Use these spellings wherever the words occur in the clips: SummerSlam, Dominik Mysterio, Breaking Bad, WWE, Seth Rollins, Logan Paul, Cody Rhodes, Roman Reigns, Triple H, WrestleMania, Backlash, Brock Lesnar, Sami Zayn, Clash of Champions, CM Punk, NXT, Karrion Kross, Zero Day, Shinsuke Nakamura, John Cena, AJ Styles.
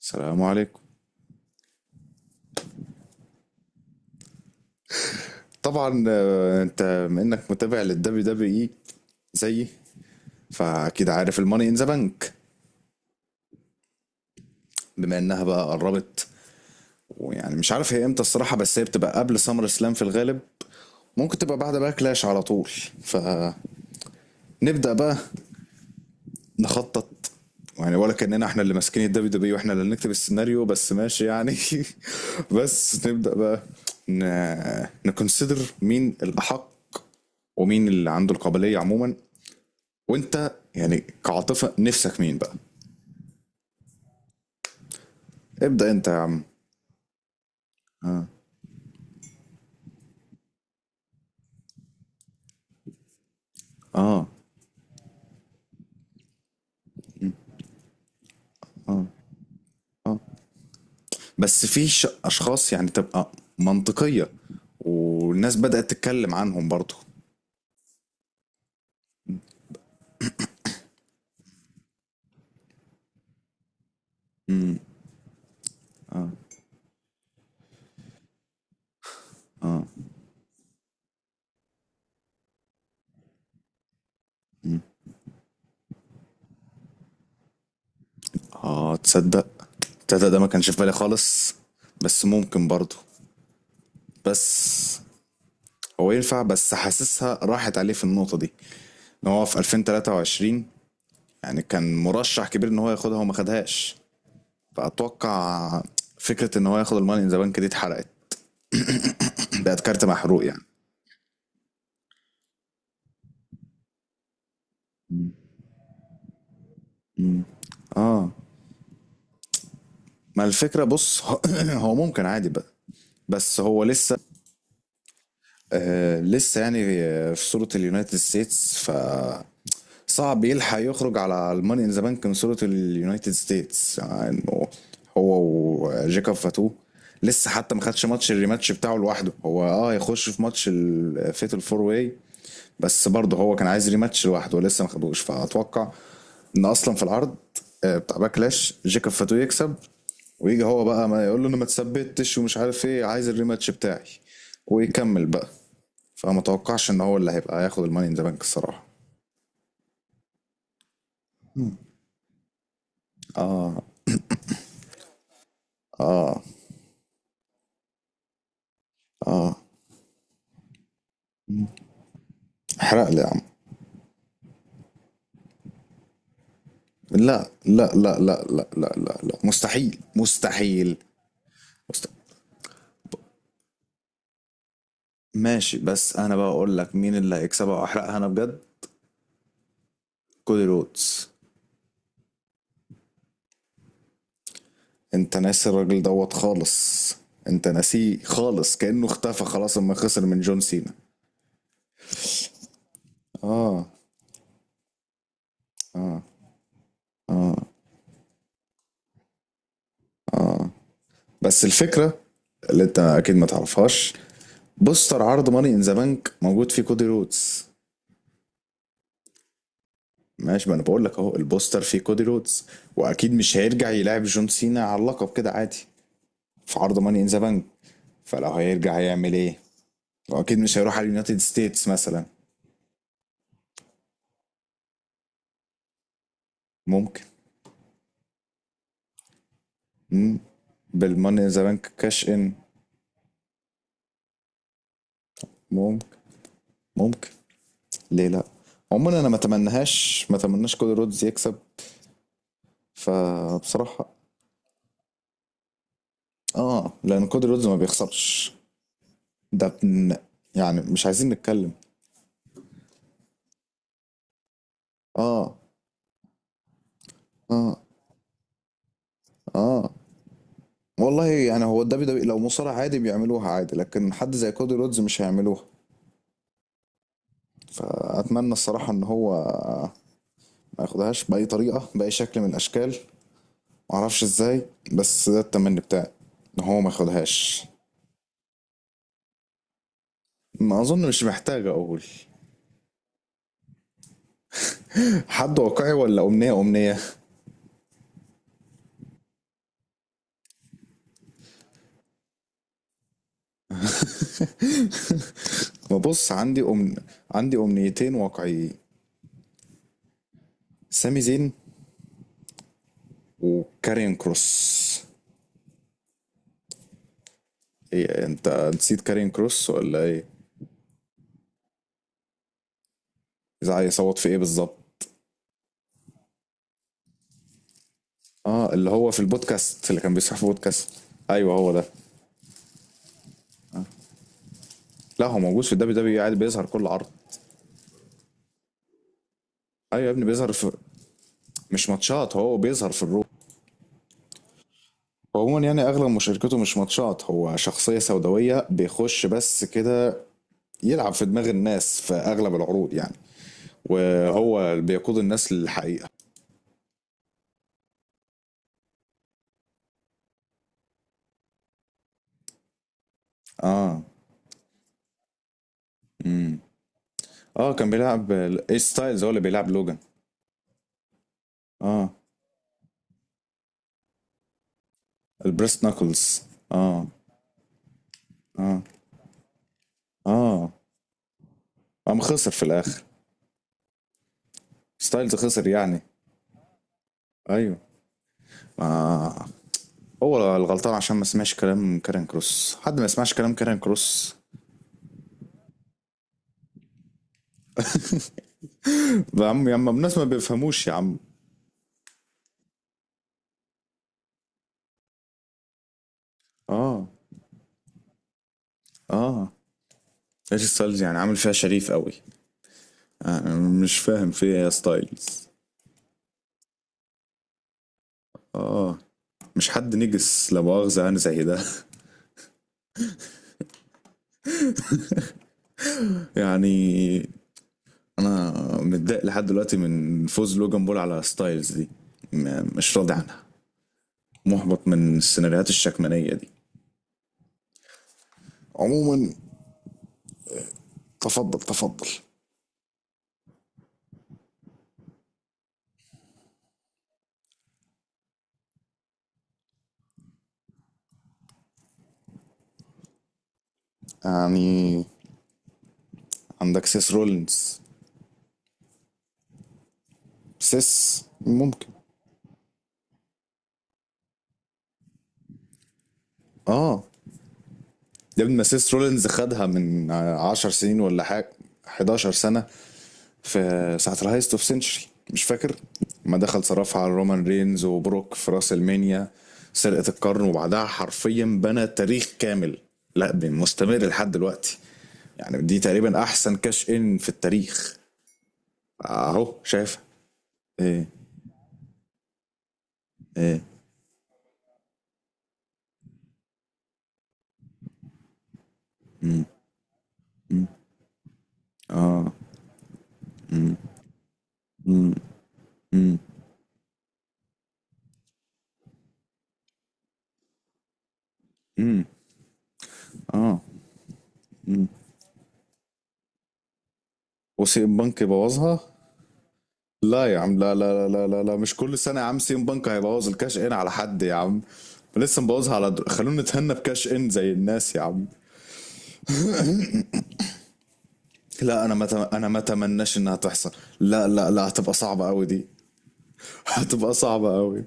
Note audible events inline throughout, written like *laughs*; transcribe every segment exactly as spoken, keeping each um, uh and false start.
السلام عليكم. طبعا، آه، انت بما انك متابع للدبليو دبليو اي زيي، فاكيد عارف الماني ان ذا بنك بما انها بقى قربت. ويعني مش عارف هي امتى الصراحه، بس هي بتبقى قبل سمر سلام في الغالب، ممكن تبقى بعد بقى كلاش على طول. فنبدا بقى نخطط، يعني ولا كاننا احنا اللي ماسكين الدبليو دبليو واحنا اللي نكتب السيناريو، بس ماشي يعني. *laughs* بس نبدا بقى ن... نكونسيدر مين الاحق ومين اللي عنده القابليه عموما. وانت يعني كعاطفه نفسك مين بقى؟ ابدا انت يا عم. اه، اه. بس في ش- اشخاص يعني تبقى منطقيه، والناس بدات تتكلم عنهم برضو. امم. اه، تصدق؟ تصدق ده ما كانش في بالي خالص، بس ممكن برضو. بس هو ينفع، بس حاسسها راحت عليه في النقطه دي، ان هو في ألفين وتلاتة يعني كان مرشح كبير ان هو ياخدها وما خدهاش. فاتوقع فكره ان هو ياخد الماني ان ذا بانك دي اتحرقت. *clears throat* بقت كارت محروق يعني. اه، ما الفكرة بص، *clears throat* هو ممكن عادي بقى، بس هو لسه آه لسه يعني في صورة اليونايتد ستيتس، ف صعب يلحق يخرج على الماني ان ذا بانك من صورة اليونايتد ستيتس يعني. هو وجيكاب فاتو لسه حتى ما خدش ماتش الريماتش بتاعه لوحده، هو اه يخش في ماتش الفيتال فور واي، بس برضه هو كان عايز ريماتش لوحده ولسه ما خدوش. فاتوقع ان اصلا في العرض آه، بتاع باكلاش جيكاب فاتو يكسب، ويجي هو بقى ما يقول له انا ما تثبتش ومش عارف ايه، عايز الريماتش بتاعي، ويكمل بقى. فما توقعش ان هو اللي هيبقى هياخد الماني ان ذا بانك الصراحه. اه، اه، اه، احرق لي يا عم. لا لا لا لا لا لا لا لا، مستحيل مستحيل. مست... ماشي، بس انا بقى اقول لك مين اللي هيكسبها واحرقها انا بجد. كودي رودز. انت ناسي الراجل دوت خالص، انت ناسيه خالص كأنه اختفى خلاص اما خسر من جون سينا. اه. بس الفكره اللي انت اكيد ما تعرفهاش، بوستر عرض ماني ان ذا بانك موجود فيه كودي رودز. ماشي، ما انا بقول لك اهو، البوستر فيه كودي رودز. واكيد مش هيرجع يلعب جون سينا على اللقب كده عادي في عرض ماني ان ذا بانك، فلو هيرجع هيعمل ايه؟ واكيد مش هيروح على اليونايتد ستيتس مثلا. ممكن. مم. بالماني ان ذا بانك كاش ان. ممكن، ممكن، ليه لا؟ عموما انا ما اتمناهاش، ما اتمناش كودي رودز يكسب. فبصراحه، اه، لان كودي رودز ما بيخسرش. ده بن... يعني مش عايزين نتكلم. اه، اه، اه، والله يعني هو الدبليو دبليو لو مصارع عادي بيعملوها عادي، لكن حد زي كودي رودز مش هيعملوها. فاتمنى الصراحه ان هو ما ياخدهاش باي طريقه باي شكل من الاشكال، معرفش ازاي، بس ده التمني بتاعي، ان هو ما ياخدهاش. ما اظن مش محتاج اقول. *laughs* حد واقعي ولا امنيه؟ امنيه. ببص، عندي أم... عندي امنيتين واقعيين. سامي زين وكارين كروس. إيه انت، نسيت كارين كروس ولا ايه؟ إذا عايز يصوت في ايه بالظبط؟ اه، اللي هو في البودكاست، اللي كان بيصحى في بودكاست. ايوه هو ده. لا، هو موجود في الدبليو دبليو، قاعد بيظهر كل عرض. ايوه يا ابني بيظهر في، مش ماتشات، هو بيظهر في الرو. هو عموما يعني اغلب مشاركته مش ماتشات، هو شخصيه سوداويه بيخش بس كده، يلعب في دماغ الناس في اغلب العروض يعني، وهو اللي بيقود الناس للحقيقه. اه. امم. اه، كان بيلعب ايج ستايلز، هو اللي بيلعب لوجان. اه، البريست ناكلز. اه، اه، اه، قام خسر في الاخر، ستايلز خسر يعني. ايوه. ما هو الغلطان عشان ما سمعش كلام كارين كروس، حد ما يسمعش كلام كارين كروس. ده يا عم يا عم الناس ما بيفهموش يا عم. اه، اه، ايش ستايلز يعني عامل فيها شريف قوي. انا مش فاهم فيها يا ستايلز. اه، مش حد نجس لا مؤاخذة يعني زي ده. *laughs* يعني انا متضايق لحد دلوقتي من فوز لوجان بول على ستايلز دي، م- مش راضي عنها. محبط من السيناريوهات الشكمانية دي. عموما. تفضل تفضل. يعني عندك سيس رولينز. سيس ممكن، اه. يا ابني ما سيس رولينز خدها من عشر سنين ولا حاجة، حداشر سنة، في ساعة الهايست اوف سنشري مش فاكر، ما دخل صرفها على رومان رينز وبروك في راس المانيا، سرقة القرن، وبعدها حرفيا بنى تاريخ كامل. لا، مستمر لحد دلوقتي. يعني دي تقريبا احسن كاش ان في التاريخ. اهو شايف. ايه، ايه. مم، مم. اه. امم، امم، امم. اه. وسي ام بنك بوظها. لا يا عم لا لا لا لا لا، لا. مش كل سنه يا عم سي ام بنك هيبوظ الكاش ان على حد يا عم. لسه مبوظها على در... خلونا نتهنى بكاش ان زي الناس يا عم. لا، انا ما مت... انا ما اتمناش انها تحصل. لا لا لا، هتبقى صعبه قوي دي. *laughs* هتبقى صعبه قوي.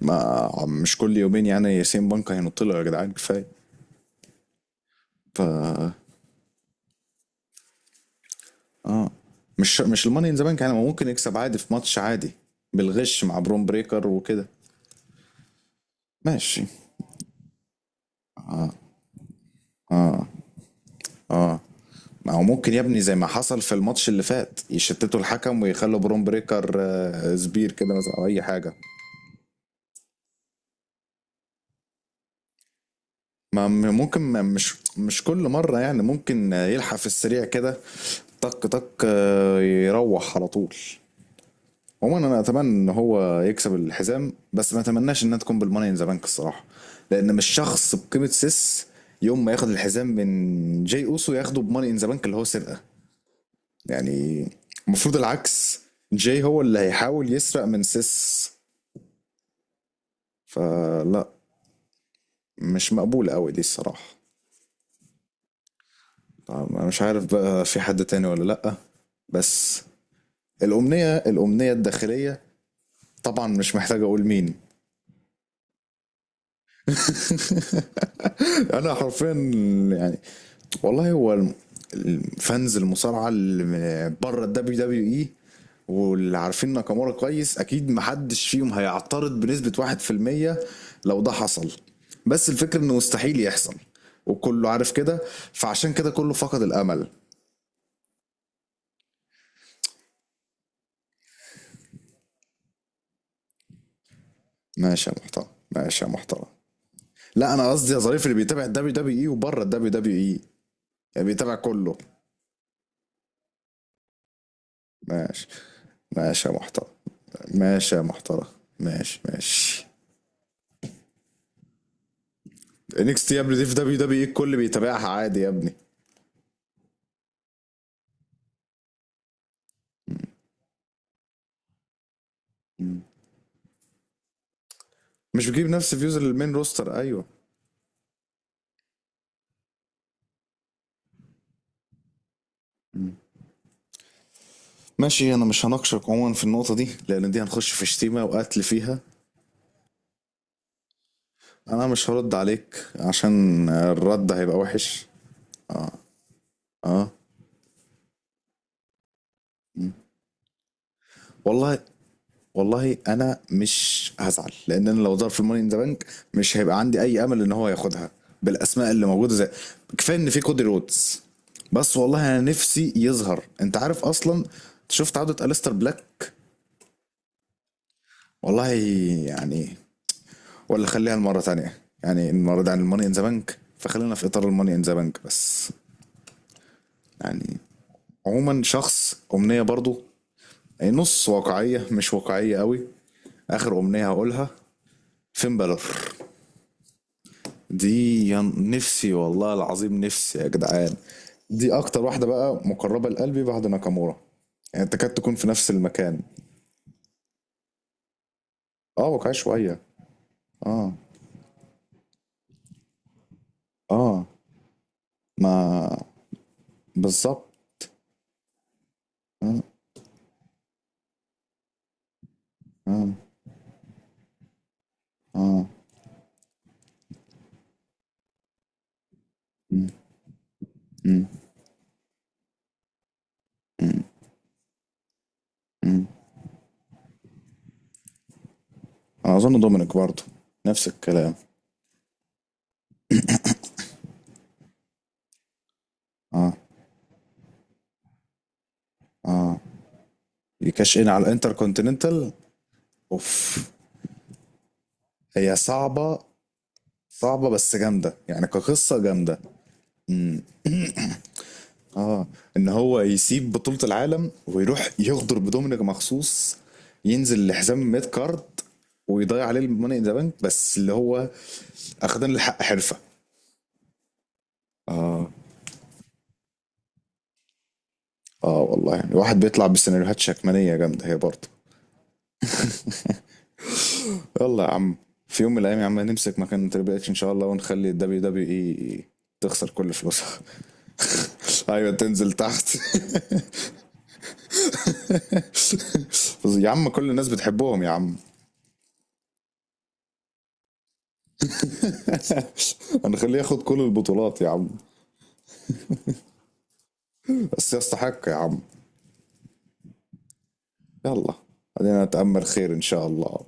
ما مش كل يومين يعني سي ام بنك هينط له، يا جدعان كفايه. فمش مش الماني ان ذا بنك يعني، ما ممكن يكسب عادي في ماتش عادي، بالغش مع برون بريكر وكده. ماشي، اه. ما هو ممكن يا ابني زي ما حصل في الماتش اللي فات، يشتتوا الحكم ويخلوا برون بريكر آه، سبير كده مثلا او اي حاجه. ما م- ممكن، ما مش مش كل مره يعني، ممكن آه، يلحق في السريع كده. طق طق، آه، يروح على طول. عموما انا اتمنى ان هو يكسب الحزام، بس ما اتمناش انها تكون بالماني ان ذا بانك الصراحه، لان مش شخص بقيمه سيس يوم ما ياخد الحزام من جاي اوسو، ياخده بماني ان ذا بانك اللي هو سرقه. يعني المفروض العكس، جاي هو اللي هيحاول يسرق من سيس. فلا، مش مقبولة قوي دي الصراحة. طب أنا مش عارف بقى في حد تاني ولا لأ، بس الأمنية الأمنية الداخلية، طبعا مش محتاج أقول مين. *laughs* أنا حرفيا يعني والله هو الم- الفانز المصارعة اللي بره ال دبليو دبليو اي، واللي عارفين ناكامورا كويس، اكيد محدش فيهم هيعترض بنسبة واحد في المية لو ده حصل. بس الفكرة انه مستحيل يحصل، وكله عارف كده، فعشان كده كله فقد الامل. ماشي يا محترم، ماشي يا محترم. لا انا قصدي يا ظريف اللي بيتابع الدبليو دبليو اي وبره الدبليو دبليو اي، يعني بيتابع كله. ماشي، ماشي يا محترم، ماشي يا محترم، ماشي ماشي. انكس تي يا ابني دي في دبليو دبليو اي، الكل بيتابعها عادي يا ابني. مش بتجيب نفس فيوز المين روستر، ايوه. ماشي، انا مش هناقشك عموما في النقطه دي لان دي هنخش في شتيمه وقتل فيها. انا مش هرد عليك عشان الرد هيبقى وحش. اه. والله، والله انا مش هزعل، لان انا لو ظهر في الماني ان ذا بانك مش هيبقى عندي اي امل ان هو ياخدها بالاسماء اللي موجوده، زي، كفايه ان في كودي رودز. بس والله انا نفسي يظهر، انت عارف اصلا، شفت عوده الستر بلاك. والله يعني، ولا خليها المرة تانية يعني، النهارده عن الماني ان ذا بانك فخلينا في اطار الماني ان ذا بانك بس. يعني عموما شخص امنية برضو، أي نص واقعية مش واقعية قوي، اخر امنية هقولها، فين بالور. دي يا نفسي والله العظيم نفسي يا جدعان. دي اكتر واحدة بقى مقربة لقلبي بعد ناكامورا، يعني تكاد تكون في نفس المكان. اه، واقعية شوية. اه، اه. ما بالظبط. اه، اه، اه. مم. امم، امم. اظن دومينيك برضه نفس الكلام. اه، اه. يكاش ان على الانتر كونتيننتال. اوف. هي صعبه، صعبه بس جامده يعني كقصه جامده. اه، ان هو يسيب بطوله العالم ويروح يغدر بدومينيك مخصوص، ينزل لحزام ميد كارد، ويضيع عليه الماني ذا بانك، بس اللي هو اخدان الحق حرفه. اه، اه، والله يعني الواحد بيطلع بسيناريوهات شكمانيه جامده هي برضه. يلا يا عم، في يوم من الايام يا عم نمسك مكان تريبل اتش ان شاء الله، ونخلي الدبليو دبليو اي تخسر كل فلوسها. *laughs* ايوه تنزل تحت. *laughs* يا عم كل الناس بتحبهم يا عم. *laughs* هنخليه ياخد كل البطولات يا عم. بس يستحق يا عم. يلا، خلينا نتامل خير ان شاء الله.